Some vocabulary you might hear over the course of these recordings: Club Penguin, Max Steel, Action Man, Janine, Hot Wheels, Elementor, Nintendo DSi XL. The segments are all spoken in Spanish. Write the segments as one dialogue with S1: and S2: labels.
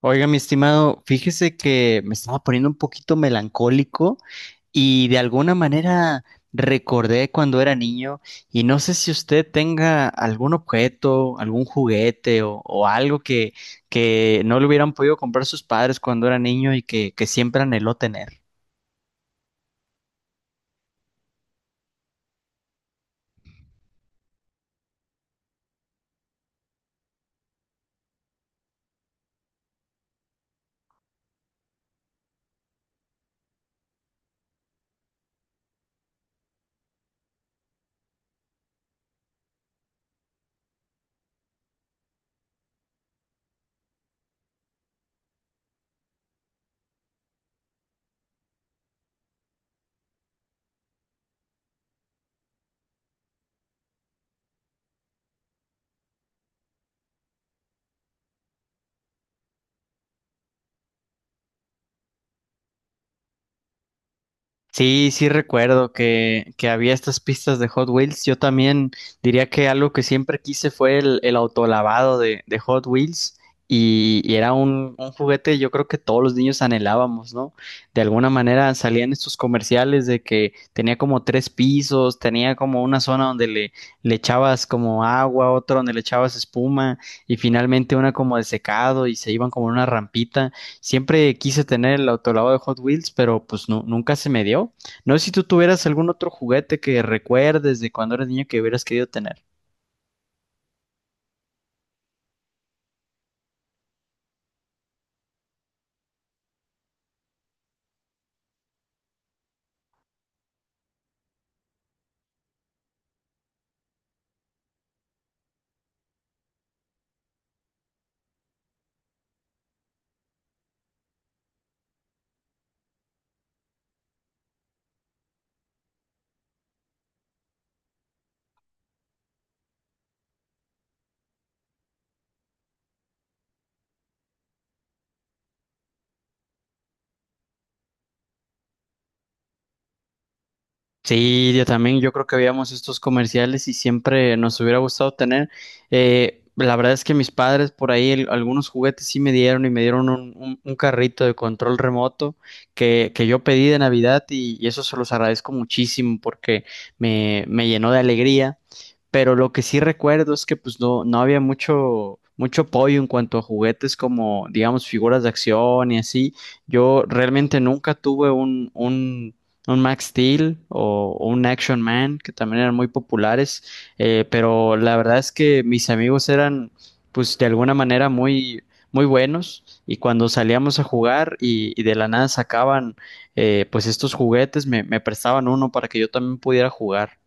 S1: Oiga, mi estimado, fíjese que me estaba poniendo un poquito melancólico y de alguna manera recordé cuando era niño y no sé si usted tenga algún objeto, algún juguete o algo que no le hubieran podido comprar sus padres cuando era niño y que siempre anheló tener. Sí, sí recuerdo que había estas pistas de Hot Wheels. Yo también diría que algo que siempre quise fue el autolavado de Hot Wheels y era un juguete yo creo que todos los niños anhelábamos, ¿no? De alguna manera salían estos comerciales de que tenía como tres pisos, tenía como una zona donde le echabas como agua, otro donde le echabas espuma y finalmente una como de secado y se iban como en una rampita. Siempre quise tener el autolavado de Hot Wheels, pero pues no nunca se me dio. No sé si tú tuvieras algún otro juguete que recuerdes de cuando eras niño que hubieras querido tener. Sí, yo también, yo creo que veíamos estos comerciales y siempre nos hubiera gustado tener. La verdad es que mis padres por ahí algunos juguetes sí me dieron y me dieron un carrito de control remoto que yo pedí de Navidad y eso se los agradezco muchísimo porque me llenó de alegría. Pero lo que sí recuerdo es que pues no había mucho apoyo en cuanto a juguetes como, digamos, figuras de acción y así. Yo realmente nunca tuve un Max Steel o un Action Man, que también eran muy populares, pero la verdad es que mis amigos eran, pues, de alguna manera muy buenos y cuando salíamos a jugar y de la nada sacaban pues estos juguetes me prestaban uno para que yo también pudiera jugar.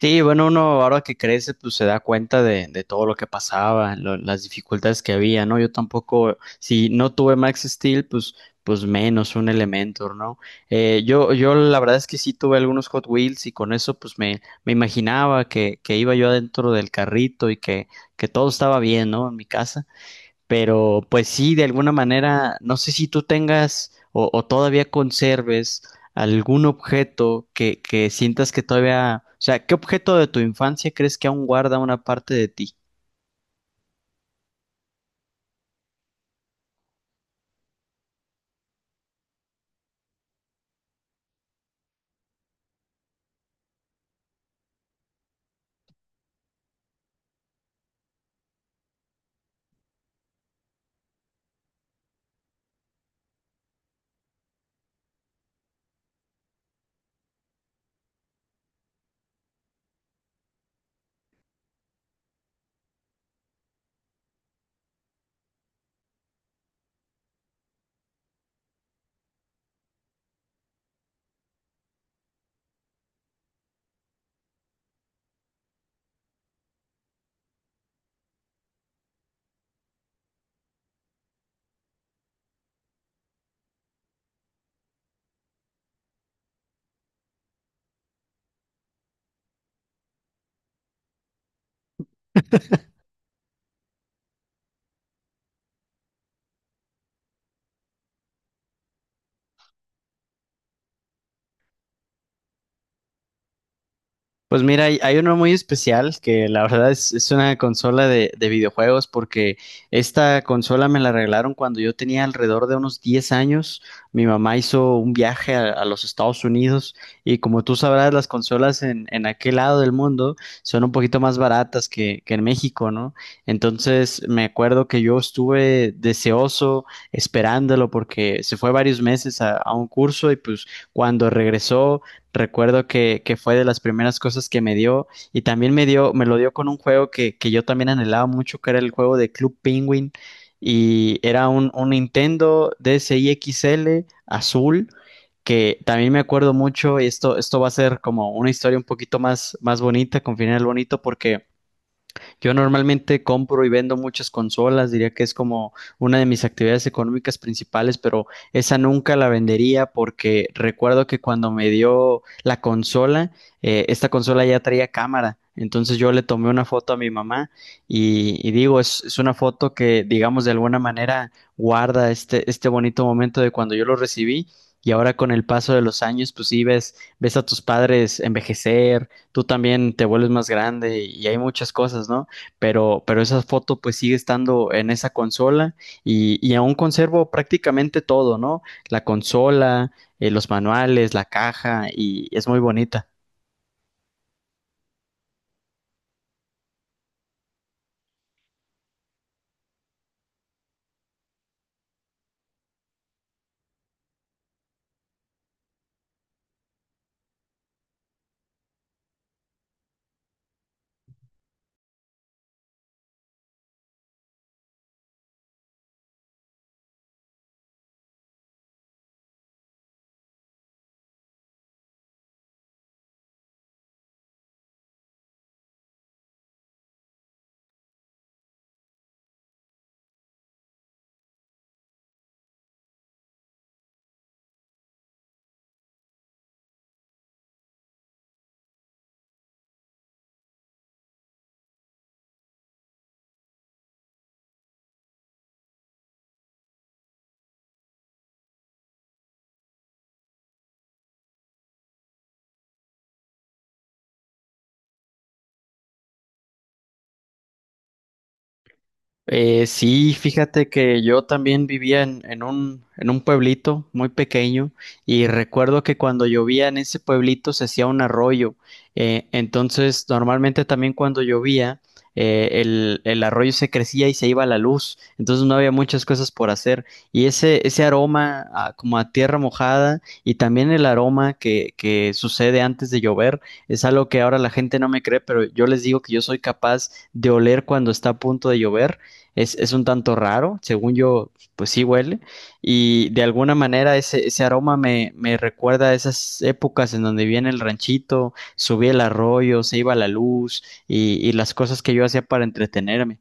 S1: Sí, bueno, uno ahora que crece, pues se da cuenta de todo lo que pasaba, las dificultades que había, ¿no? Yo tampoco, si no tuve Max Steel, pues, pues menos un Elementor, ¿no? Yo la verdad es que sí tuve algunos Hot Wheels y con eso, pues me imaginaba que iba yo adentro del carrito y que todo estaba bien, ¿no? En mi casa. Pero pues sí, de alguna manera, no sé si tú tengas o todavía conserves algún objeto que sientas que todavía, o sea, ¿qué objeto de tu infancia crees que aún guarda una parte de ti? Pues mira, hay uno muy especial que la verdad es una consola de videojuegos porque esta consola me la regalaron cuando yo tenía alrededor de unos 10 años. Mi mamá hizo un viaje a los Estados Unidos y como tú sabrás, las consolas en aquel lado del mundo son un poquito más baratas que en México, ¿no? Entonces me acuerdo que yo estuve deseoso esperándolo porque se fue varios meses a un curso y pues cuando regresó, recuerdo que fue de las primeras cosas que me dio y también me dio, me lo dio con un juego que yo también anhelaba mucho, que era el juego de Club Penguin y era un Nintendo DSi XL azul que también me acuerdo mucho y esto va a ser como una historia un poquito más, más bonita, con final bonito porque yo normalmente compro y vendo muchas consolas, diría que es como una de mis actividades económicas principales, pero esa nunca la vendería porque recuerdo que cuando me dio la consola, esta consola ya traía cámara. Entonces yo le tomé una foto a mi mamá y digo, es una foto que, digamos, de alguna manera guarda este, este bonito momento de cuando yo lo recibí y ahora con el paso de los años, pues sí ves, ves a tus padres envejecer, tú también te vuelves más grande y hay muchas cosas, ¿no? Pero esa foto pues sigue estando en esa consola y aún conservo prácticamente todo, ¿no? La consola, los manuales, la caja y es muy bonita. Sí, fíjate que yo también vivía en un pueblito muy pequeño y recuerdo que cuando llovía en ese pueblito se hacía un arroyo. Entonces, normalmente también cuando llovía, el arroyo se crecía y se iba la luz. Entonces no había muchas cosas por hacer. Y ese aroma como a tierra mojada y también el aroma que sucede antes de llover es algo que ahora la gente no me cree, pero yo les digo que yo soy capaz de oler cuando está a punto de llover. Es un tanto raro, según yo, pues sí huele. Y de alguna manera ese, ese aroma me recuerda a esas épocas en donde viene el ranchito, subía el arroyo, se iba la luz y las cosas que yo hacía para entretenerme.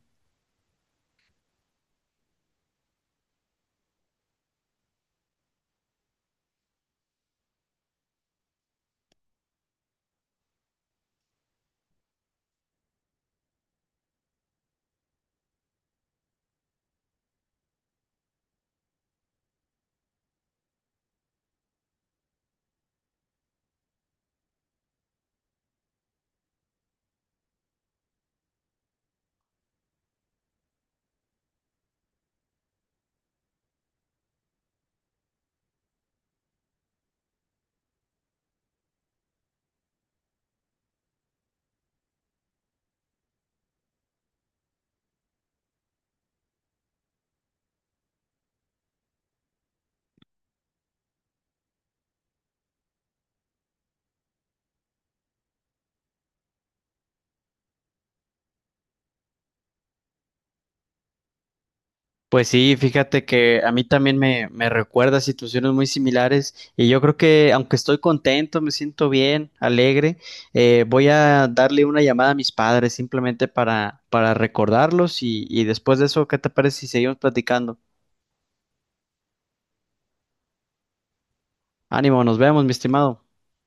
S1: Pues sí, fíjate que a mí también me recuerda situaciones muy similares y yo creo que aunque estoy contento, me siento bien, alegre, voy a darle una llamada a mis padres simplemente para recordarlos y después de eso, ¿qué te parece si seguimos platicando? Ánimo, nos vemos, mi estimado.